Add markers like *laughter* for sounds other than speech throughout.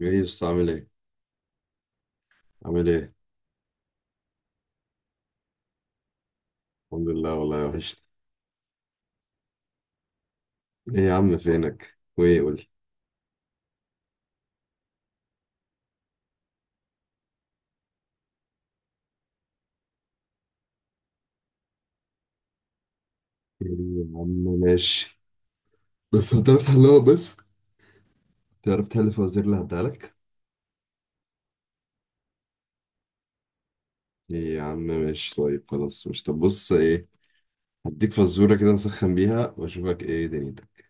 جايز عامل ايه؟ عامل ايه؟ الحمد لله والله وحشني. ايه يا عم فينك؟ وايه قول لي؟ ايه يا عم، ماشي. بس هتعرف تحلها بس؟ تعرف تحل الفوازير اللي هديها لك؟ ايه يا عم، ماشي طيب خلاص، مش طب بص ايه. هديك فزورة كده نسخن بيها واشوفك ايه دنيتك.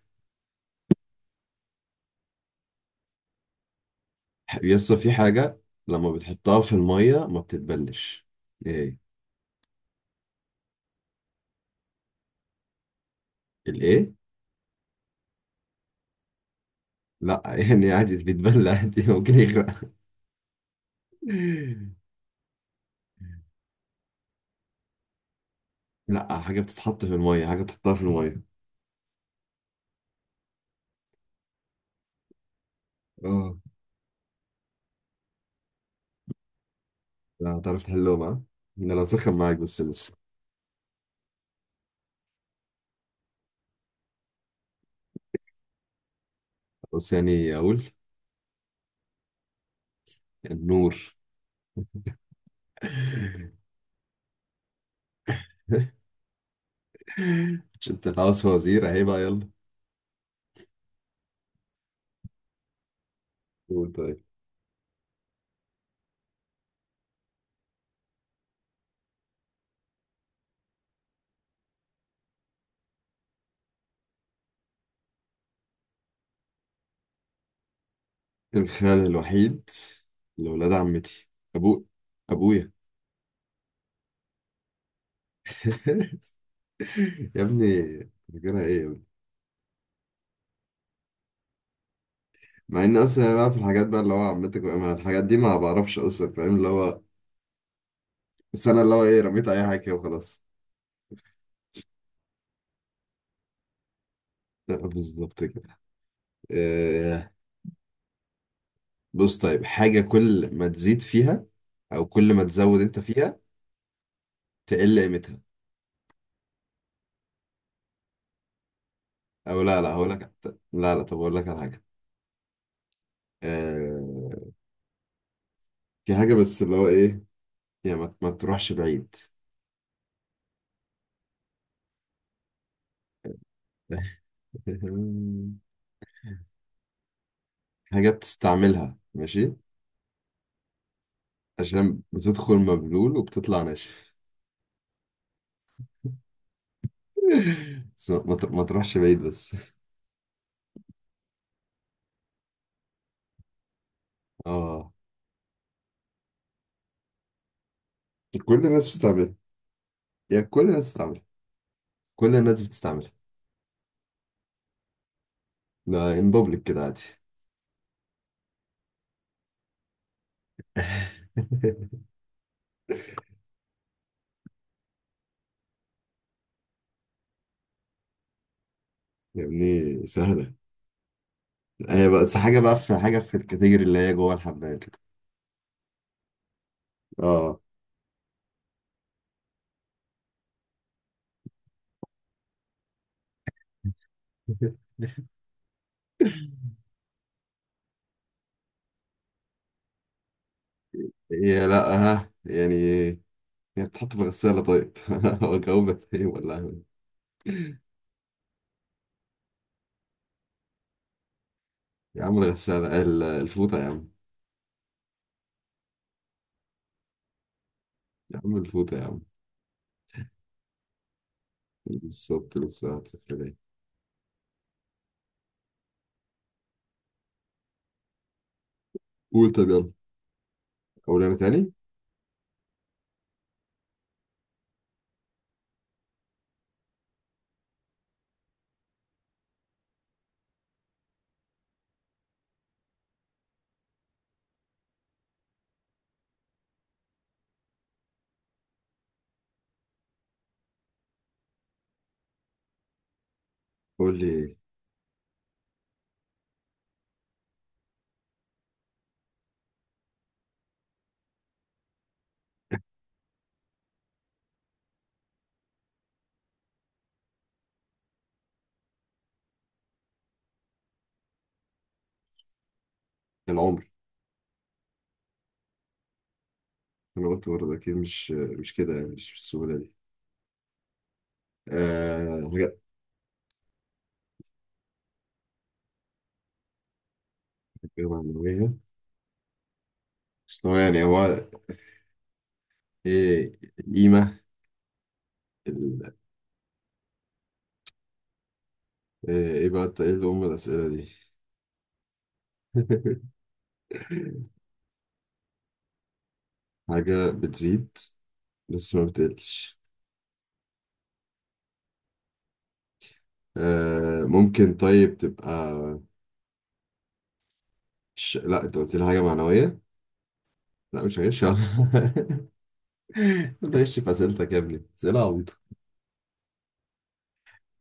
يسطا، في حاجة لما بتحطها في المية ما بتتبلش. ايه؟ الايه؟ لا يعني عادي بيتبل عادي، ممكن يغرق. *laughs* لا، حاجة بتتحط في المية، حاجة بتحطها في المية. اه. لا هتعرف تحلهم، ها؟ انا لو سخن معاك بس لسه. بس يعني اقول، النور. *laughs* مش انت عاوز وزير، اهي بقى، يلا. قول طيب. الخال الوحيد لولاد عمتي، ابو، ابويا. *laughs* يا ابني، فاكرها ايه يا ابني؟ مع ان اصلا بقى في الحاجات بقى اللي هو عمتك مع الحاجات دي ما بعرفش اصلا، فاهم اللي هو. بس انا اللي هو ايه، رميت اي حاجه كده وخلاص. لا، بالظبط كده. آه، بص طيب، حاجه كل ما تزيد فيها او كل ما تزود انت فيها، تقل قيمتها. او لا لا هقول لك. لا لا طب اقول لك على حاجه. آه... في حاجه بس اللي هو ايه، يعني ما تروحش بعيد. *laughs* حاجه بتستعملها، ماشي، عشان بتدخل مبلول وبتطلع ناشف. *laughs* بس ما تروحش بعيد بس. *laughs* اه، كل الناس بتستعملها، يعني كل الناس بتستعملها، كل الناس بتستعملها. ده ان بابليك كده عادي. *laughs* يا ابني سهله. هي بقى بس حاجه بقى، في حاجه في الكاتيجوري اللي هي جوه الحمام كده. اه. هي لا. ها، يعني هي بتتحط في الغسالة طيب. *laughs* جاوبت ايه ولا أهبل؟ يا عم الغسالة الفوطة يا عم. يا عم الفوطة يا عم. بالظبط، لسه هتصفر دي. قول طب يلا. قول أنا تاني. قول لي. العمر. أنا قلت برضه أكيد مش كده، يعني مش بالسهولة دي. آه رجعت. التجربة المعنوية. بس هو يعني هو، إيه القيمة، ال- إيه، إيه بقى، إيه اللي أم الأسئلة دي. *laughs* حاجة بتزيد بس ما بتقلش. آه، ممكن طيب تبقى. لا انت قلت لي حاجة معنوية. لا مش هغش. *laughs* انت غش في اسئلتك يا ابني، اسئلة عبيطة.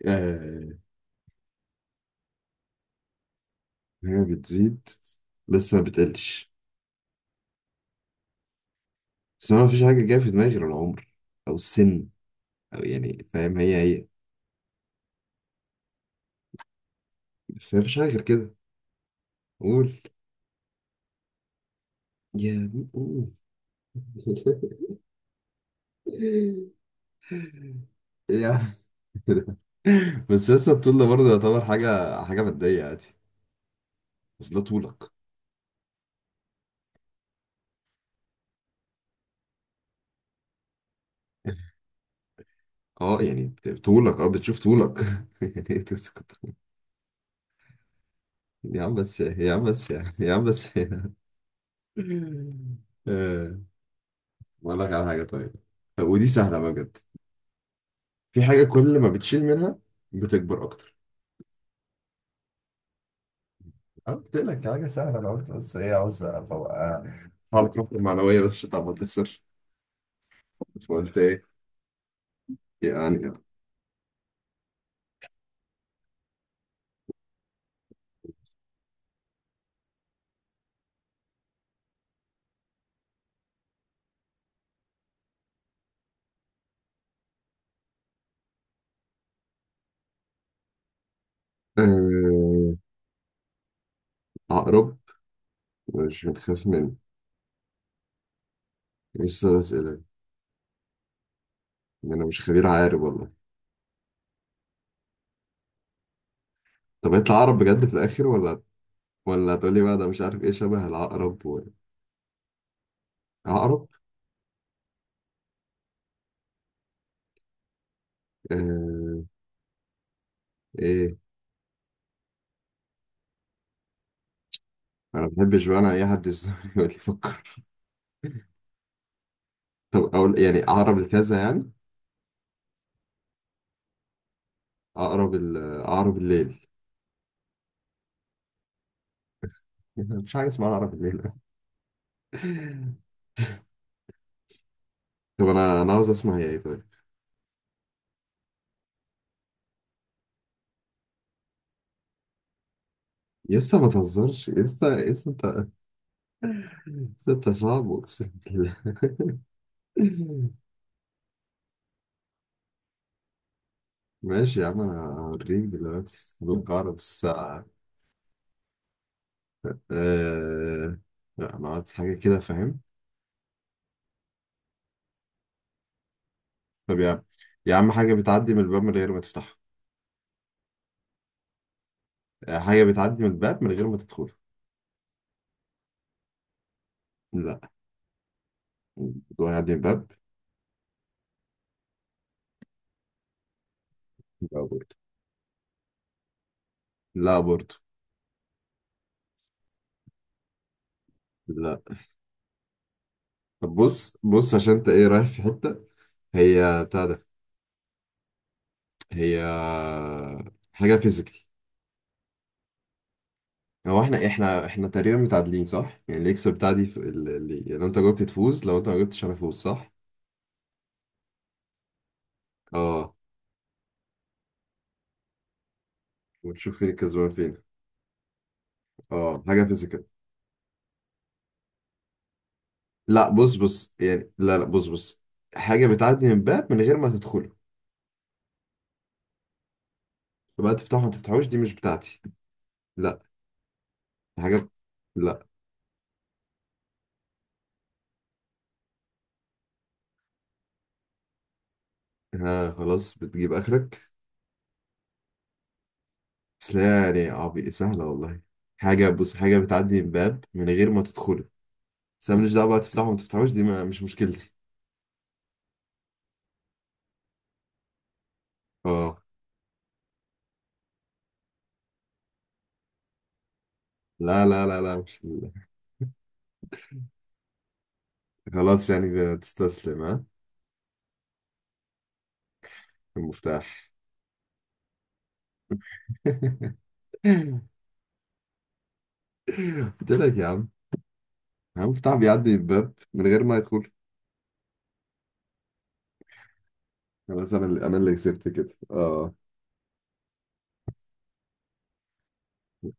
آه، هي بتزيد بس ما بتقلش. بس انا مفيش حاجة جاية في دماغي غير العمر، او السن، او يعني فاهم، هي هي. بس مفيش حاجة غير كده. قول. يا ابني، قول. *laughs* إيه يا عم ده؟ بس لسه الطول ده برضه يعتبر حاجة مادية عادي. بس ده طولك. اه يعني طولك، اه بتشوف طولك. *laughs* يعني إيه بتمسك الطول؟ يا عم بس، يا عم بس، يا عم بس. *laughs* آه، اقول لك على حاجه طيب. طب ودي سهله بقى بجد. في حاجه كل ما بتشيل منها بتكبر اكتر. أنا قلت لك حاجه سهله، انا قلت بس ايه عاوز ابقى حاول الطاقه المعنويه بس عشان تعمل تخسر. فقلت ايه يعني. آه، عقرب. مش بنخاف منه. لسه اسئله، انا مش خبير عارف والله. طب يطلع عقرب بجد في الاخر، ولا هتقولي بقى ده مش عارف ايه شبه العقرب عقرب. آه... ايه. انا ما بحبش بقى انا اي حد يزنقني *laughs* يقول لي فكر. طب اقول يعني عقرب الكذا يعني. عقرب عقرب الليل. *laughs* مش حاجه اسمها عقرب الليل. *laughs* طب انا عاوز اسمع هي ايه طيب. لسه ما تهزرش، لسه انت، لسه انت صعب اقسم بالله. *laughs* ماشي يا عم، انا هوريك دلوقتي بالعقرب الساعه. آه... لا انا عايز حاجه كده، فاهم. طب يا عم، يا عم حاجة بتعدي من الباب من غير ما تفتحه، هي بتعدي من الباب من غير ما تدخل. لا. الموضوع يعدي من الباب. لا برضه. لا برضه. لا طب بص بص، عشان انت ايه رايح في حتة، هي بتاع ده. هي حاجة فيزيكال. هو احنا تقريبا متعادلين صح؟ يعني اللي يكسب بتاعتي لو انت جاوبت تفوز، لو انت ما جاوبتش انا افوز، صح؟ اه، ونشوف فين الكسبان فين. اه حاجة فيزيكال. لا بص بص يعني، لا لا بص بص، حاجة بتعدي من باب من غير ما تدخله، فبقى تفتحه ما تفتحوش دي مش بتاعتي. لا. حاجة. لا. ها خلاص بتجيب آخرك. بس لا يعني عبي سهلة والله. حاجة، بص حاجة بتعدي من باب من غير ما تدخله، بس أنا ماليش دعوة بقى تفتحه وما تفتحوش دي ما مش مشكلتي. اه. لا لا لا لا، مش خلاص يعني بتستسلم، ها؟ المفتاح. *laughs* قلت لك يا عم، المفتاح بيعدي من الباب من غير ما يدخل. خلاص انا اللي كسبت كده اه.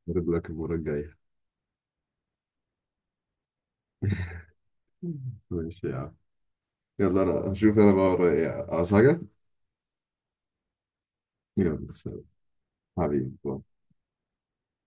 هرد لك المرة الجاية. ماشي يا عم. يلا انا هشوف انا بقى ورايا ايه. عاوز حاجة؟ يلا سلام. حبيبي باي.